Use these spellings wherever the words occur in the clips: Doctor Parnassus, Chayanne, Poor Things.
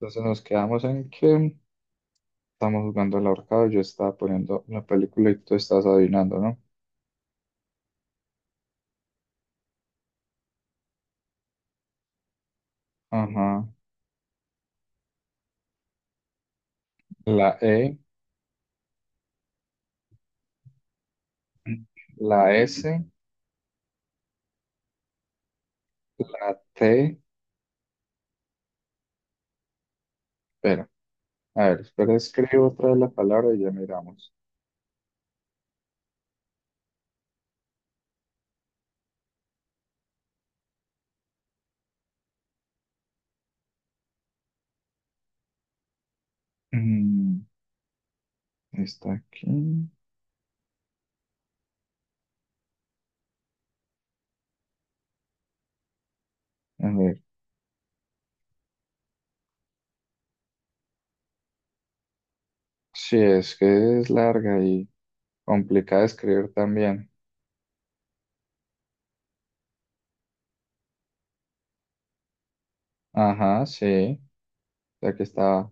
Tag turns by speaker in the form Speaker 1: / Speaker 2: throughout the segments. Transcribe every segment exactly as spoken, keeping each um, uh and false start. Speaker 1: Entonces nos quedamos en que estamos jugando al ahorcado, yo estaba poniendo la película y tú estás adivinando, ¿no? Ajá. La E, la S, la T. Espera, a ver, espera, escribo otra vez la palabra y ya miramos. Mm, está aquí. A ver, sí, es que es larga y complicada de escribir también. Ajá, sí. Aquí está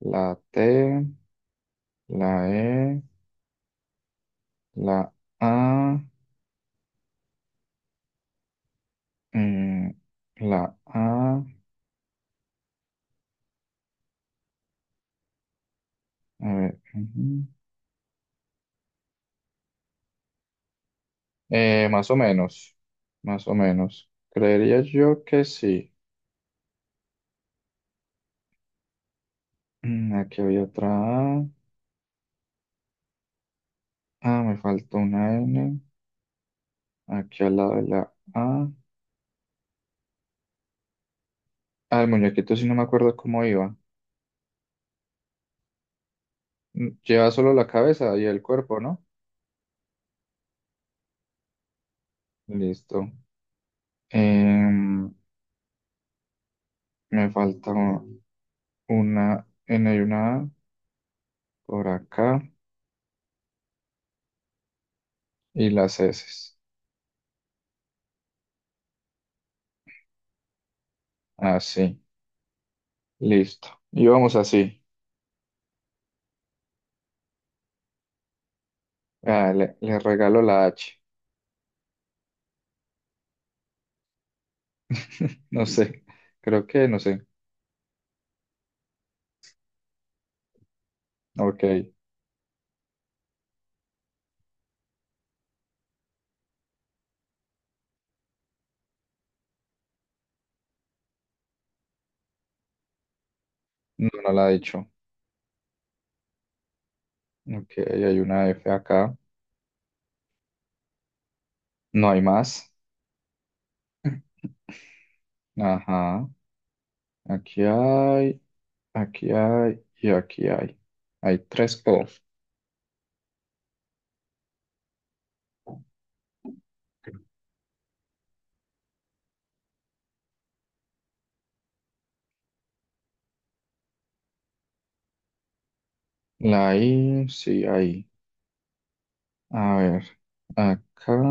Speaker 1: la T, la E, la A. Mm, la A, a ver, ujú. Eh, más o menos, más o menos. Creería yo que sí. Mm, aquí había otra A. Ah, me faltó una N. Aquí al lado de la A. Ah, el muñequito sí no me acuerdo cómo iba. Mm, Lleva solo la cabeza y el cuerpo, ¿no? Listo. Em, me falta una N y una A por acá. Y las S. Así. Listo. Y vamos así. Ah, le, le regalo la H. No sé. Creo que, no sé. Ok. No, no la he dicho. Ok, hay una F acá. No hay más. Ajá. Aquí hay, aquí hay y aquí hay. Hay tres O. La I, sí, ahí. A ver. Acá.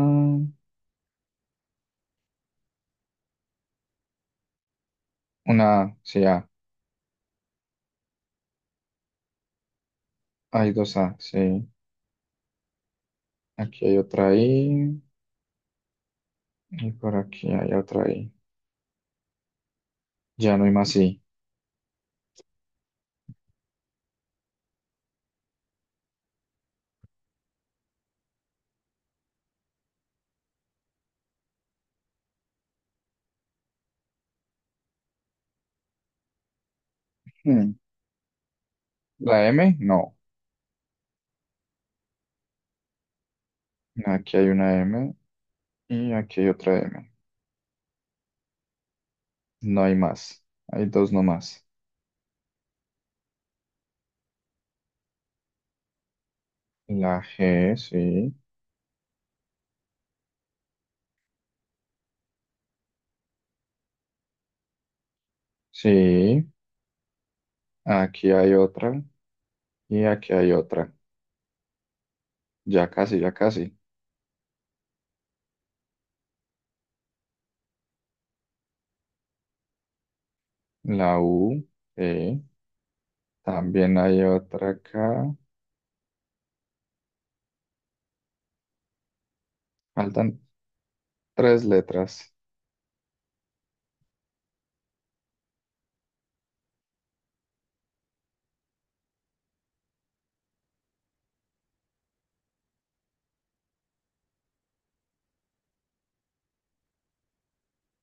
Speaker 1: Una A, sí, A. Hay dos A, sí. Aquí hay otra I. Y por aquí hay otra I. Ya no hay más I. Hmm. ¿La M? No. Aquí hay una M. Y aquí hay otra M. No hay más. Hay dos nomás. La G, sí. Sí. Aquí hay otra. Y aquí hay otra. Ya casi, ya casi. La U, sí. También hay otra acá. Faltan tres letras.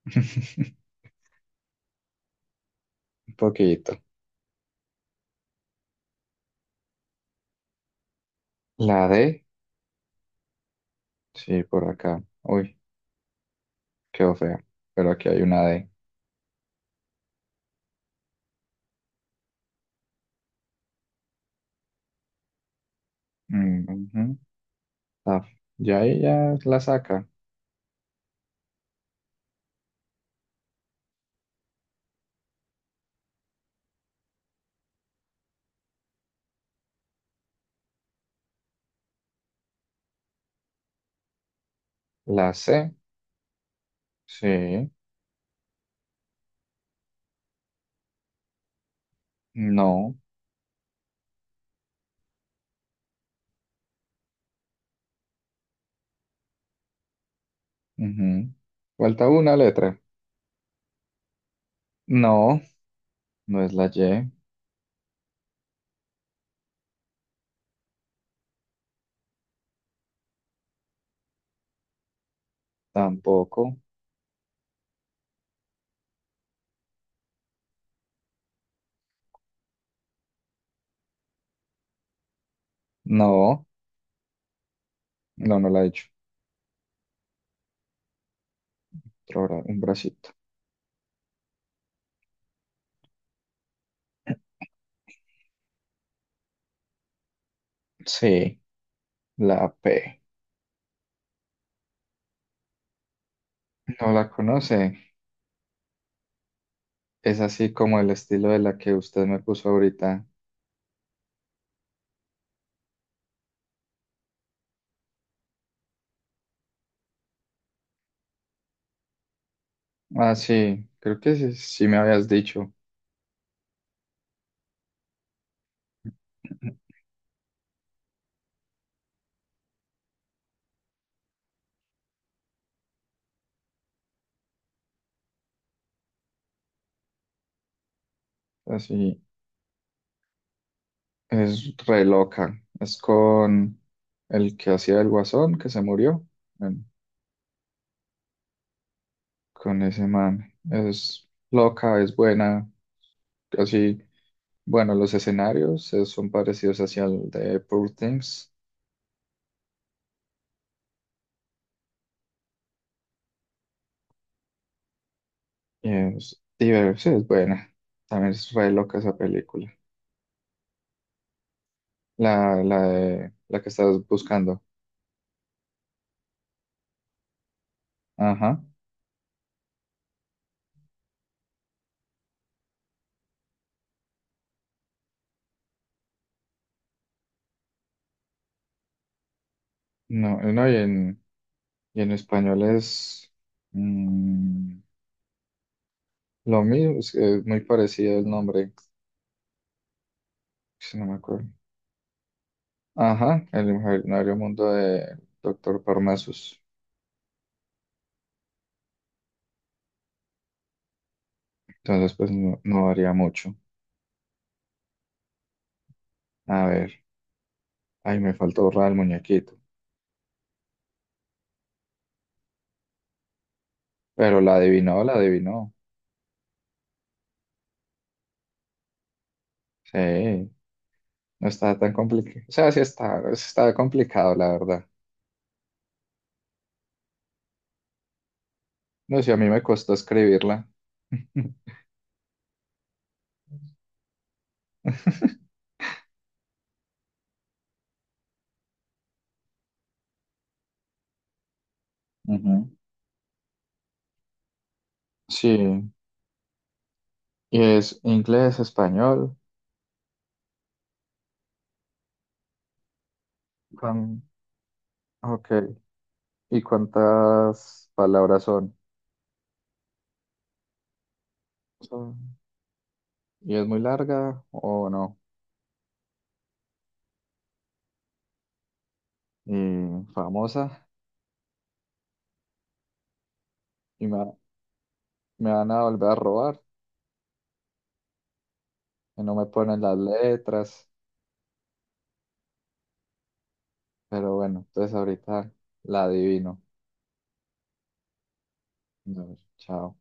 Speaker 1: Un poquito. La D, sí, por acá. Uy, quedó fea. Pero aquí hay una D. Mm, ujú. Ah, Y ahí ya la saca. La C, sí. No. Ujú. Falta una letra. No, no es la Y, tampoco. No, no, no la he hecho. Otro bra- un bracito. Sí, la P. No la conoce. Es así como el estilo de la que usted me puso ahorita. Ah, sí, creo que sí, sí me habías dicho. Así, es re loca. Es con el que hacía el guasón, que se murió. Bueno, Con ese man. Es loca, es buena, así. Bueno, los escenarios eh, son parecidos hacia el de Poor Things. Y es divertido, es buena. También es re loca esa película. La, la, de- la que estás buscando. Ajá. No, eh, no, y en, y en español es mm, lo mismo, es, es muy parecido el nombre, si no me acuerdo. Ajá, el imaginario mundo de Doctor Parnassus. Entonces, pues no, no varía mucho. A ver, ahí me faltó borrar el muñequito. Pero la adivinó, la adivinó. Sí, no está tan complicado. O sea, sí está, sí está complicado, la verdad. No sé, a mí me costó escribirla. Ujú. Sí, y es inglés, español. Con... Ok, ¿y cuántas palabras son? Son- ¿Y es muy larga o no? Y famosa, y me, me van a volver a robar, y no me ponen las letras, pero bueno, entonces ahorita la adivino. No, chao.